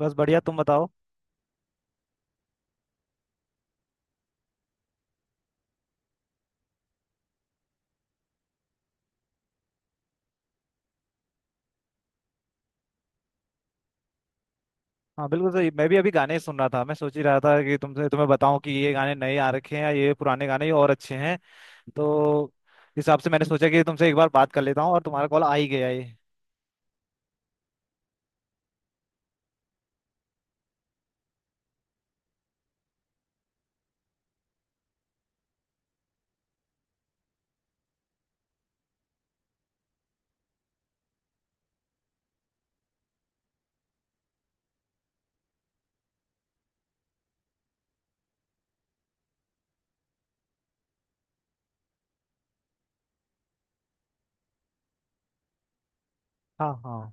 बस बढ़िया, तुम बताओ। हाँ, बिल्कुल सही। मैं भी अभी गाने ही सुन रहा था। मैं सोच ही रहा था कि तुमसे तुम्हें बताऊं कि ये गाने नए आ रखे हैं या ये पुराने गाने और अच्छे हैं। तो इस हिसाब से मैंने सोचा कि तुमसे एक बार बात कर लेता हूँ, और तुम्हारा कॉल आ ही गया ये। हाँ, हाँ।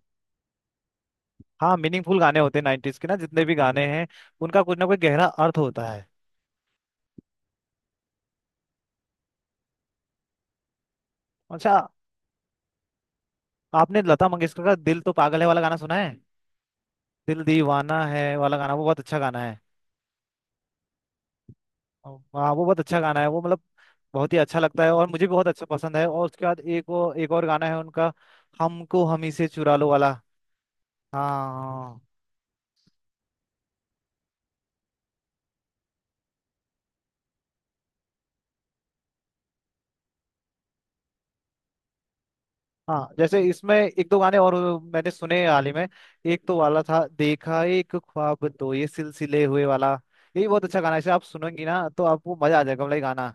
हाँ, मीनिंगफुल गाने होते हैं नाइन्टीज के, ना जितने भी गाने हैं उनका कुछ ना कुछ गहरा अर्थ होता है। अच्छा, आपने लता मंगेशकर का दिल तो पागल है वाला गाना सुना है? दिल दीवाना है वाला गाना, वो बहुत अच्छा गाना है। हाँ, वो बहुत अच्छा गाना है। वो मतलब बहुत ही अच्छा लगता है, और मुझे भी बहुत अच्छा पसंद है। और उसके बाद एक और गाना है उनका, हमको हम ही से चुरा लो वाला। हाँ। हाँ, जैसे इसमें एक दो गाने और मैंने सुने हाल ही में। एक तो वाला था देखा एक ख्वाब तो ये सिलसिले हुए वाला। ये भी बहुत अच्छा गाना है। इसे आप सुनेंगी ना तो आपको मजा आ जाएगा, मतलब ये गाना।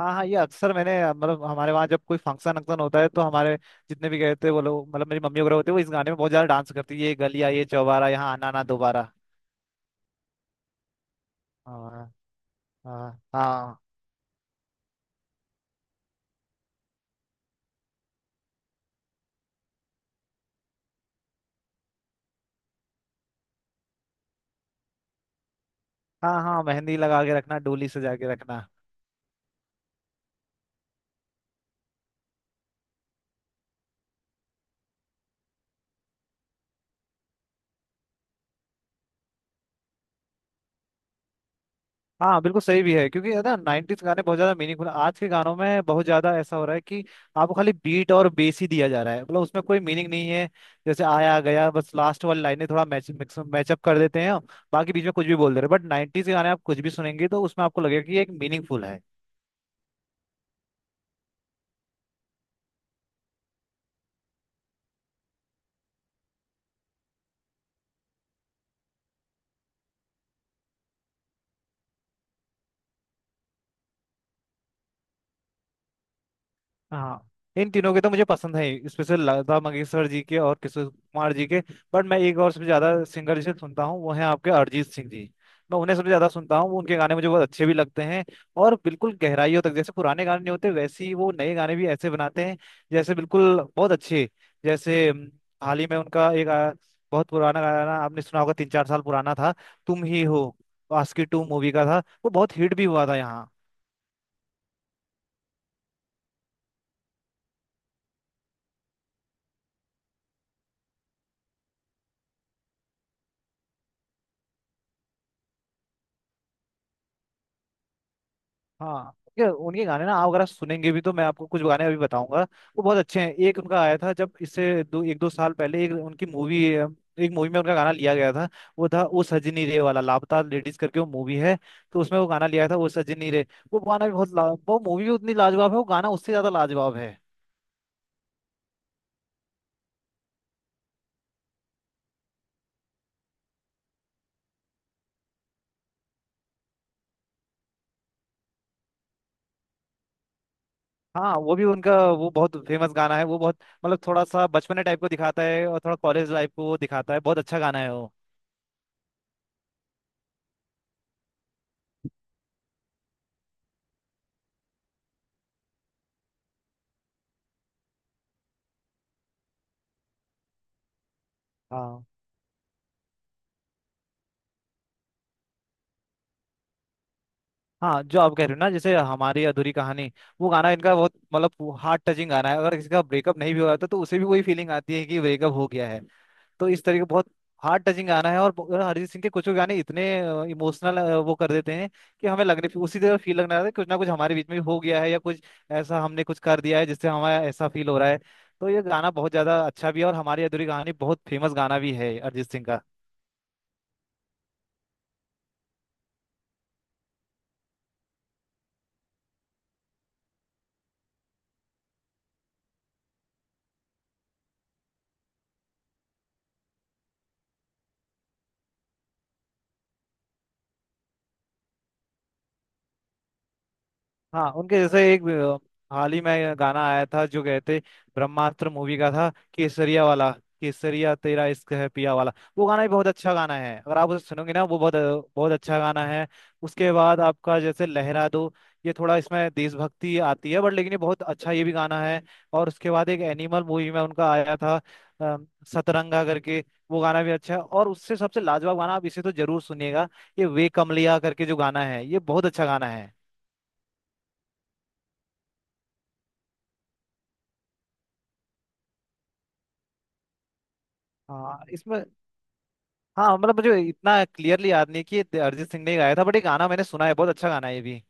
हाँ, हाँ, ये अक्सर मैंने मतलब हमारे वहाँ जब कोई फंक्शन वंक्शन होता है तो हमारे जितने भी गए थे वो लोग, मतलब मेरी मम्मी वगैरह होते हैं, वो इस गाने में बहुत ज्यादा डांस करती है, ये गलियां ये चौबारा यहाँ आना ना दोबारा। हाँ। हाँ, हाँ। हाँ, हाँ, मेहंदी लगा के रखना डोली सजा के रखना। हाँ, बिल्कुल सही भी है, क्योंकि है ना नाइनटीज गाने बहुत ज्यादा मीनिंगफुल। आज के गानों में बहुत ज्यादा ऐसा हो रहा है कि आपको खाली बीट और बेस ही दिया जा रहा है, मतलब उसमें कोई मीनिंग नहीं है। जैसे आया गया बस लास्ट वाली लाइनें थोड़ा मैचअप कर देते हैं, बाकी बीच में कुछ भी बोल दे रहे हैं। बट नाइनटीज के गाने आप कुछ भी सुनेंगे तो उसमें आपको लगेगा कि ये एक मीनिंगफुल है। हाँ, इन तीनों के तो मुझे पसंद है, स्पेशल लता मंगेशकर जी के और किशोर कुमार जी के। बट मैं एक और सबसे ज्यादा सिंगर जिसे सुनता हूँ वो है आपके अरिजीत सिंह जी। मैं उन्हें सबसे ज्यादा सुनता हूँ, उनके गाने मुझे बहुत अच्छे भी लगते हैं। और बिल्कुल गहराइयों तक, जैसे पुराने गाने नहीं होते वैसे ही वो नए गाने भी ऐसे बनाते हैं, जैसे बिल्कुल बहुत अच्छे। जैसे हाल ही में उनका एक बहुत पुराना गाना आपने सुना होगा, 3-4 साल पुराना था, तुम ही हो, आस्की टू मूवी का था। वो बहुत हिट भी हुआ था यहाँ। हाँ, ये उनके गाने ना, आप अगर आप सुनेंगे भी तो मैं आपको कुछ गाने अभी बताऊंगा। वो बहुत अच्छे हैं। एक उनका आया था जब इससे दो एक दो साल पहले, एक मूवी में उनका गाना लिया गया था, वो था वो सजनी रे वाला, लापता लेडीज करके वो मूवी है। तो उसमें वो गाना लिया था, वो सजनी रे। वो गाना भी बहुत वो मूवी भी उतनी लाजवाब है, वो गाना उससे ज्यादा लाजवाब है। हाँ, वो भी उनका वो बहुत फेमस गाना है। वो बहुत मतलब थोड़ा सा बचपने टाइप को दिखाता है और थोड़ा कॉलेज लाइफ को वो दिखाता है, बहुत अच्छा गाना है वो। हाँ, हाँ, जो आप कह रहे हो ना, जैसे हमारी अधूरी कहानी, वो गाना इनका बहुत मतलब हार्ट टचिंग गाना है। अगर किसी का ब्रेकअप नहीं भी हुआ था तो उसे भी वही फीलिंग आती है कि ब्रेकअप हो गया है। तो इस तरीके बहुत हार्ट टचिंग गाना है। और अरिजीत सिंह के कुछ गाने इतने इमोशनल वो कर देते हैं कि हमें लगने उसी तरह फील लगने लगता है कुछ ना कुछ हमारे बीच में हो गया है, या कुछ ऐसा हमने कुछ कर दिया है जिससे हमारा ऐसा फील हो रहा है। तो ये गाना बहुत ज्यादा अच्छा भी है, और हमारी अधूरी कहानी बहुत फेमस गाना भी है अरिजीत सिंह का। हाँ, उनके जैसे एक हाल ही में गाना आया था, जो गए थे ब्रह्मास्त्र मूवी का था, केसरिया वाला, केसरिया तेरा इश्क है पिया वाला। वो गाना भी बहुत अच्छा गाना है, अगर आप उसे सुनोगे ना वो बहुत बहुत अच्छा गाना है। उसके बाद आपका जैसे लहरा दो, ये थोड़ा इसमें देशभक्ति आती है बट लेकिन ये बहुत अच्छा ये भी गाना है। और उसके बाद एक एनिमल मूवी में उनका आया था, अ, सतरंगा करके। वो गाना भी अच्छा है। और उससे सबसे लाजवाब गाना, आप इसे तो जरूर सुनिएगा, ये वे कमलिया करके जो गाना है, ये बहुत अच्छा गाना है। हाँ, इसमें हाँ मतलब मुझे इतना क्लियरली याद नहीं कि ये अरिजीत सिंह ने ही गाया था, बट ये गाना मैंने सुना है, बहुत अच्छा गाना है ये भी।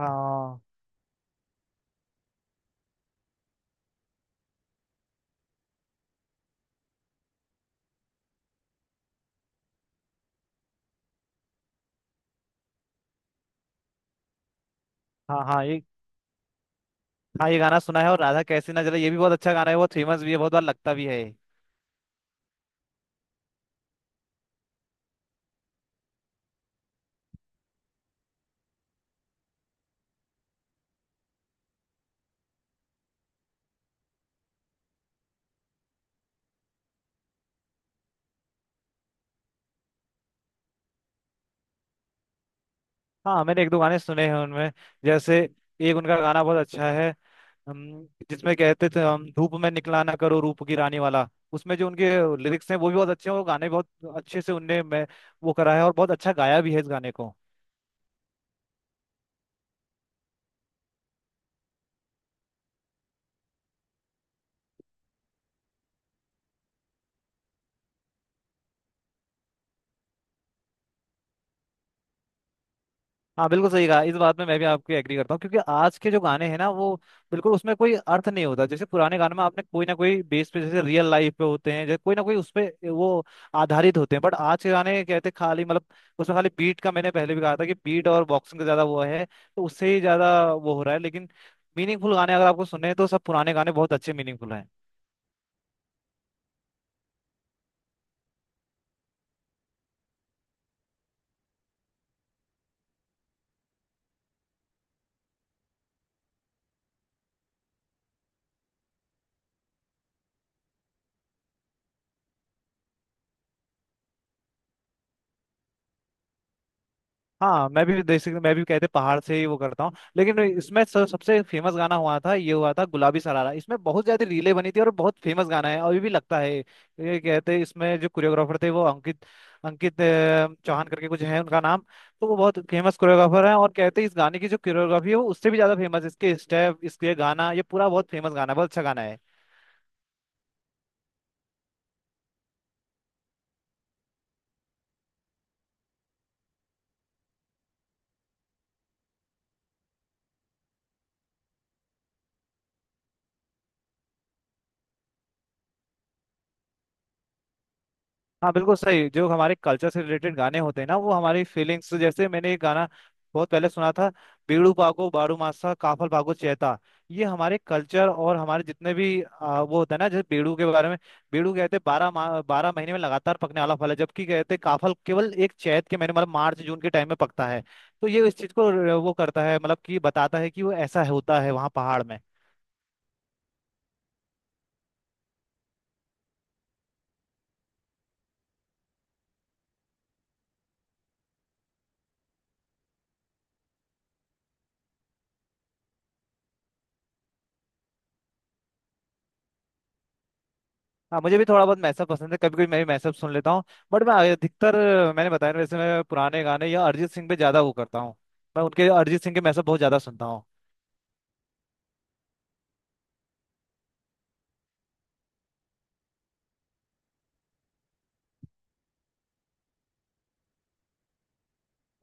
हाँ, हाँ। हाँ, ये। हाँ, ये गाना सुना है, और राधा कैसी ना जले ये भी बहुत अच्छा गाना है, बहुत फेमस भी है, बहुत बार लगता भी है। हाँ, मैंने एक दो गाने सुने हैं उनमें, जैसे एक उनका गाना बहुत अच्छा है, जिसमें कहते थे हम धूप में निकला ना करो रूप की रानी वाला। उसमें जो उनके लिरिक्स हैं वो भी बहुत अच्छे हैं, और गाने बहुत अच्छे से उनने मैं वो करा है, और बहुत अच्छा गाया भी है इस गाने को। हाँ, बिल्कुल सही कहा। इस बात में मैं भी आपके एग्री करता हूँ, क्योंकि आज के जो गाने हैं ना, वो बिल्कुल उसमें कोई अर्थ नहीं होता। जैसे पुराने गाने में आपने कोई ना कोई बेस पे, जैसे रियल लाइफ पे होते हैं, जैसे कोई ना कोई उस पे वो आधारित होते हैं। बट आज के गाने कहते हैं खाली मतलब उसमें खाली बीट का, मैंने पहले भी कहा था कि बीट और बॉक्सिंग का ज्यादा वो है, तो उससे ही ज्यादा वो हो रहा है। लेकिन मीनिंगफुल गाने अगर आपको सुने तो सब पुराने गाने बहुत अच्छे मीनिंगफुल हैं। हाँ, मैं भी बेसिकली, मैं भी कहते पहाड़ से ही वो करता हूँ, लेकिन इसमें सबसे फेमस गाना हुआ था, ये हुआ था गुलाबी सरारा। इसमें बहुत ज्यादा रीले बनी थी, और बहुत फेमस गाना है, अभी भी लगता है ये। कहते इसमें जो कोरियोग्राफर थे वो अंकित, चौहान करके कुछ है उनका नाम। तो वो बहुत फेमस कोरियोग्राफर हैं, और कहते हैं इस गाने की जो कोरियोग्राफी है वो उससे भी ज्यादा फेमस, इसके स्टेप, इसके गाना ये पूरा बहुत फेमस गाना है, बहुत अच्छा गाना है। हाँ, बिल्कुल सही। जो हमारे कल्चर से रिलेटेड गाने होते हैं ना, वो हमारी फीलिंग्स, जैसे मैंने एक गाना बहुत पहले सुना था, बीड़ू पागो बाड़ू मासा काफल भागो चेता। ये हमारे कल्चर और हमारे जितने भी वो होता है ना, जैसे बीड़ू के बारे में, बीड़ू कहते हैं 12 महीने में लगातार पकने वाला फल है, जबकि कहते हैं काफल केवल एक चैत के महीने, मतलब मार्च जून के टाइम में पकता है। तो ये इस चीज को वो करता है, मतलब कि बताता है कि वो ऐसा होता है वहाँ पहाड़ में। हाँ, मुझे भी थोड़ा बहुत मैसअप पसंद है, कभी कभी मैं भी मैसअप सुन लेता हूँ। बट मैं अधिकतर, मैंने बताया ना, वैसे मैं पुराने गाने या अरिजीत सिंह पे ज्यादा वो करता हूँ। मैं उनके अरिजीत सिंह के मैसअप बहुत ज्यादा सुनता हूँ।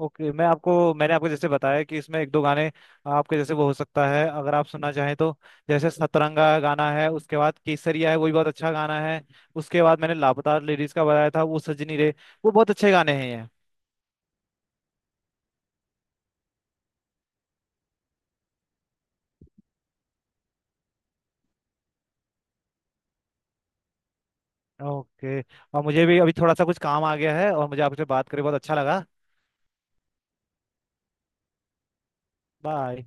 ओके, मैंने आपको जैसे बताया कि इसमें एक दो गाने आपके जैसे वो हो सकता है अगर आप सुनना चाहें तो, जैसे सतरंगा गाना है, उसके बाद केसरिया है वो भी बहुत अच्छा गाना है, उसके बाद मैंने लापता लेडीज का बताया था, वो सजनी रे। वो बहुत अच्छे गाने हैं ये। ओके, और मुझे भी अभी थोड़ा सा कुछ काम आ गया है, और मुझे आपसे बात करके बहुत अच्छा लगा। बाय।